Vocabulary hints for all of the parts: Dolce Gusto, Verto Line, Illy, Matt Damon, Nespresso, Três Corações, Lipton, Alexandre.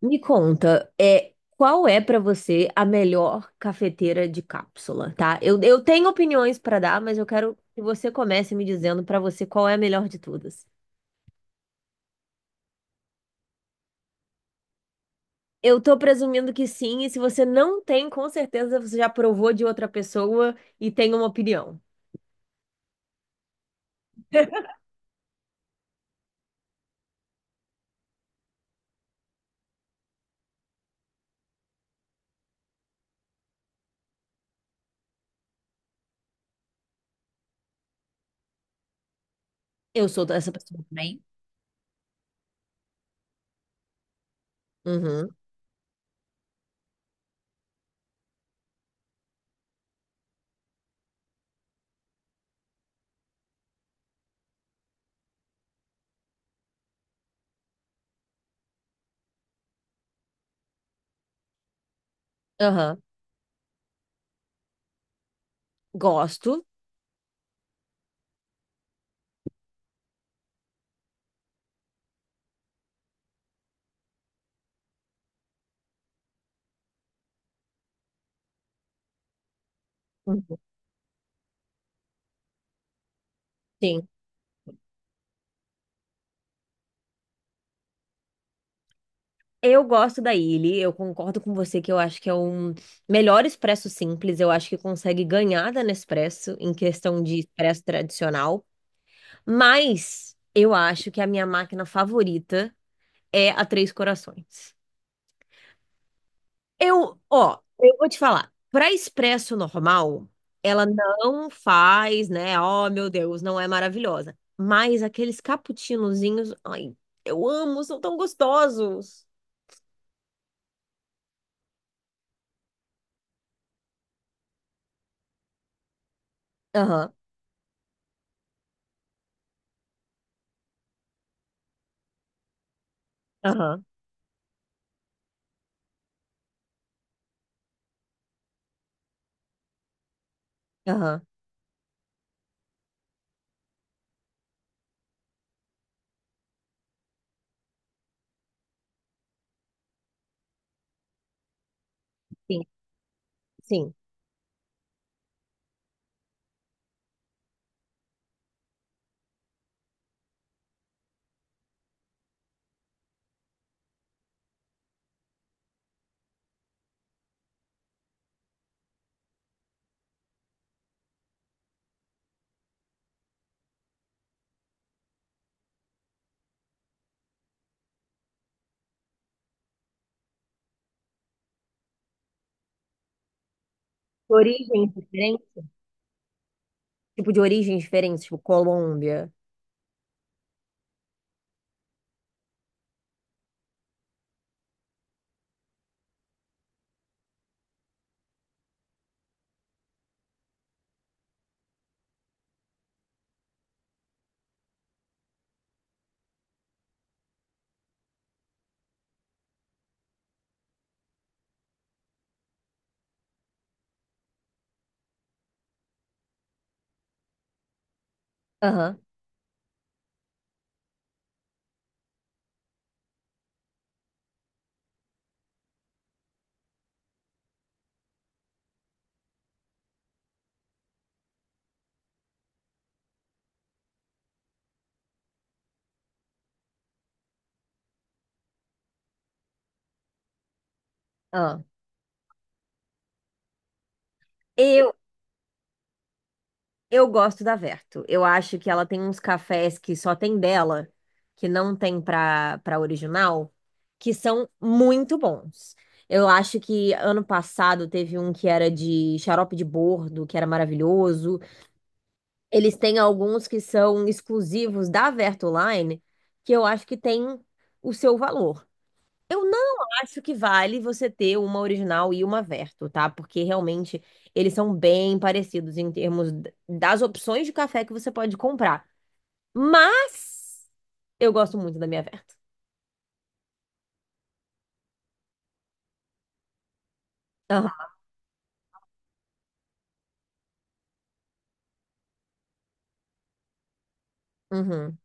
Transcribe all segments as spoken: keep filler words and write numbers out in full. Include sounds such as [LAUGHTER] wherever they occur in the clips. Me conta, é, qual é pra você a melhor cafeteira de cápsula, tá? Eu, eu tenho opiniões pra dar, mas eu quero que você comece me dizendo pra você qual é a melhor de todas. Eu tô presumindo que sim, e se você não tem, com certeza você já provou de outra pessoa e tem uma opinião. Eu sou dessa pessoa também. Uhum. Aham. Gosto. Uhum. Sim. Eu gosto da Illy, eu concordo com você que eu acho que é um melhor expresso simples, eu acho que consegue ganhar da Nespresso em questão de expresso tradicional, mas eu acho que a minha máquina favorita é a Três Corações. Eu, ó, eu vou te falar, para expresso normal, ela não faz, né? Oh, meu Deus, não é maravilhosa, mas aqueles cappuccinozinhos, ai, eu amo, são tão gostosos. Aham, aham, aham. Sim, sim. Origens diferentes? Tipo, de origens diferentes, tipo Colômbia. Aham, aham. Eu, eu gosto da Verto. Eu acho que ela tem uns cafés que só tem dela, que não tem pra, pra original, que são muito bons. Eu acho que ano passado teve um que era de xarope de bordo, que era maravilhoso. Eles têm alguns que são exclusivos da Verto Line, que eu acho que tem o seu valor. Eu não acho que vale você ter uma original e uma Verto, tá? Porque realmente eles são bem parecidos em termos d- das opções de café que você pode comprar. Mas eu gosto muito da minha Verto. Aham. Uhum.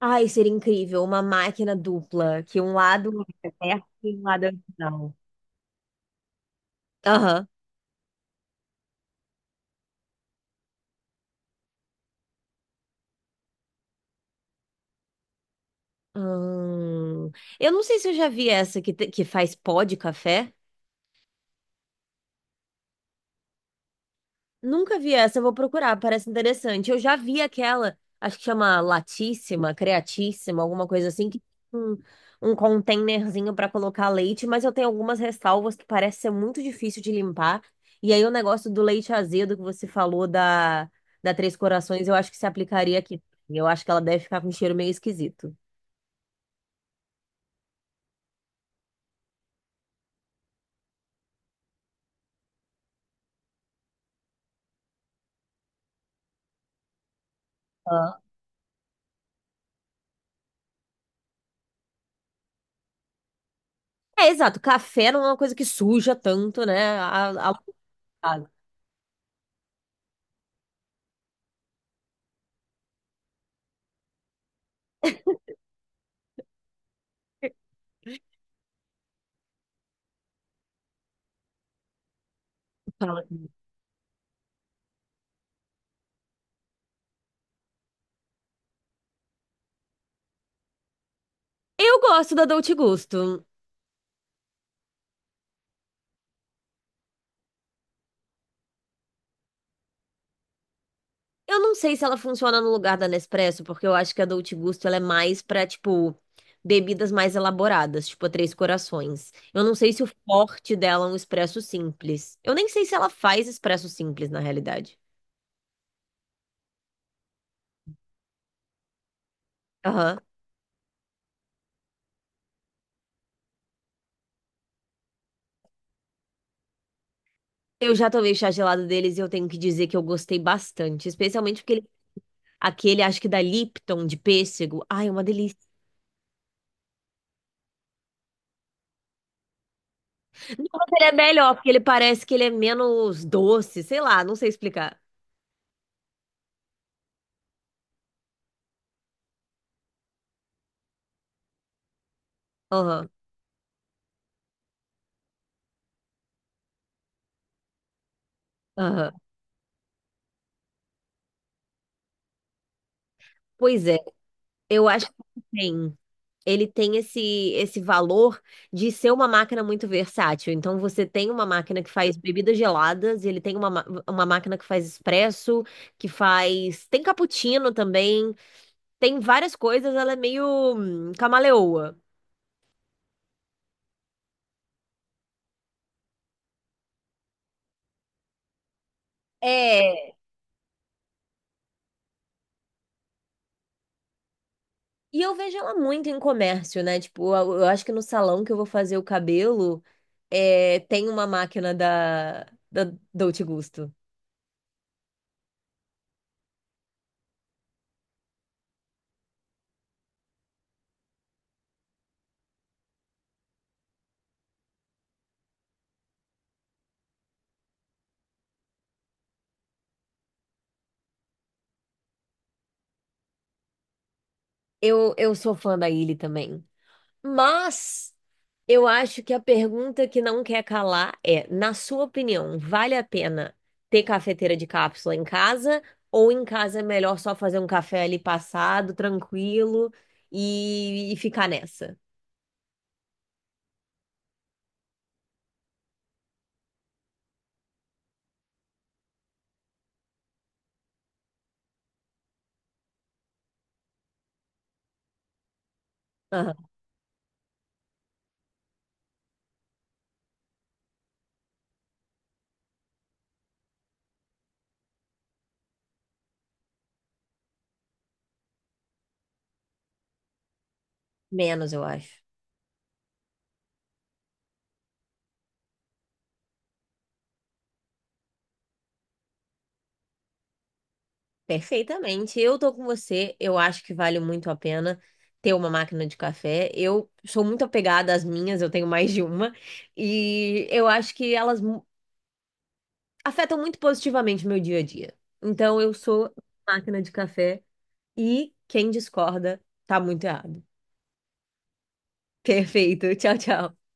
Ai, seria incrível uma máquina dupla, que um lado é Verto e um lado é original. Aham. Hum, eu não sei se eu já vi essa que, te- que faz pó de café. Nunca vi essa, eu vou procurar, parece interessante. Eu já vi aquela, acho que chama latíssima, creatíssima, alguma coisa assim, que tem um, um containerzinho para colocar leite, mas eu tenho algumas ressalvas que parece ser muito difícil de limpar. E aí o negócio do leite azedo que você falou da, da Três Corações, eu acho que se aplicaria aqui. Eu acho que ela deve ficar com um cheiro meio esquisito. Ah. É, exato, café não é uma coisa que suja tanto, né? A, a- a- Fala. Eu gosto da Dolce Gusto. Eu não sei se ela funciona no lugar da Nespresso, porque eu acho que a Dolce Gusto ela é mais pra, tipo, bebidas mais elaboradas, tipo a Três Corações. Eu não sei se o forte dela é um expresso simples. Eu nem sei se ela faz expresso simples, na realidade. Aham. Eu já tomei chá gelado deles e eu tenho que dizer que eu gostei bastante, especialmente porque ele- aquele, acho que da Lipton, de pêssego. Ai, é uma delícia. Não, mas ele é melhor, porque ele parece que ele é menos doce, sei lá, não sei explicar. Aham, aham. Pois é, eu acho que tem. Ele tem esse, esse valor de ser uma máquina muito versátil. Então, você tem uma máquina que faz bebidas geladas, ele tem uma, ma- uma máquina que faz expresso, que faz. Tem cappuccino também, tem várias coisas, ela é meio hum, camaleoa. É, e eu vejo ela muito em comércio, né? Tipo, eu eu acho que no salão que eu vou fazer o cabelo, é, tem uma máquina da, da Dolce Gusto. Eu, eu sou fã da Illy também. Mas eu acho que a pergunta que não quer calar é, na sua opinião, vale a pena ter cafeteira de cápsula em casa ou em casa é melhor só fazer um café ali passado, tranquilo e, e ficar nessa? Aham. Menos, eu acho. Perfeitamente. Eu tô com você. Eu acho que vale muito a pena ter uma máquina de café. Eu sou muito apegada às minhas, eu tenho mais de uma. E eu acho que elas afetam muito positivamente o meu dia a dia. Então eu sou máquina de café e quem discorda tá muito errado. [LAUGHS] Perfeito. Tchau, tchau.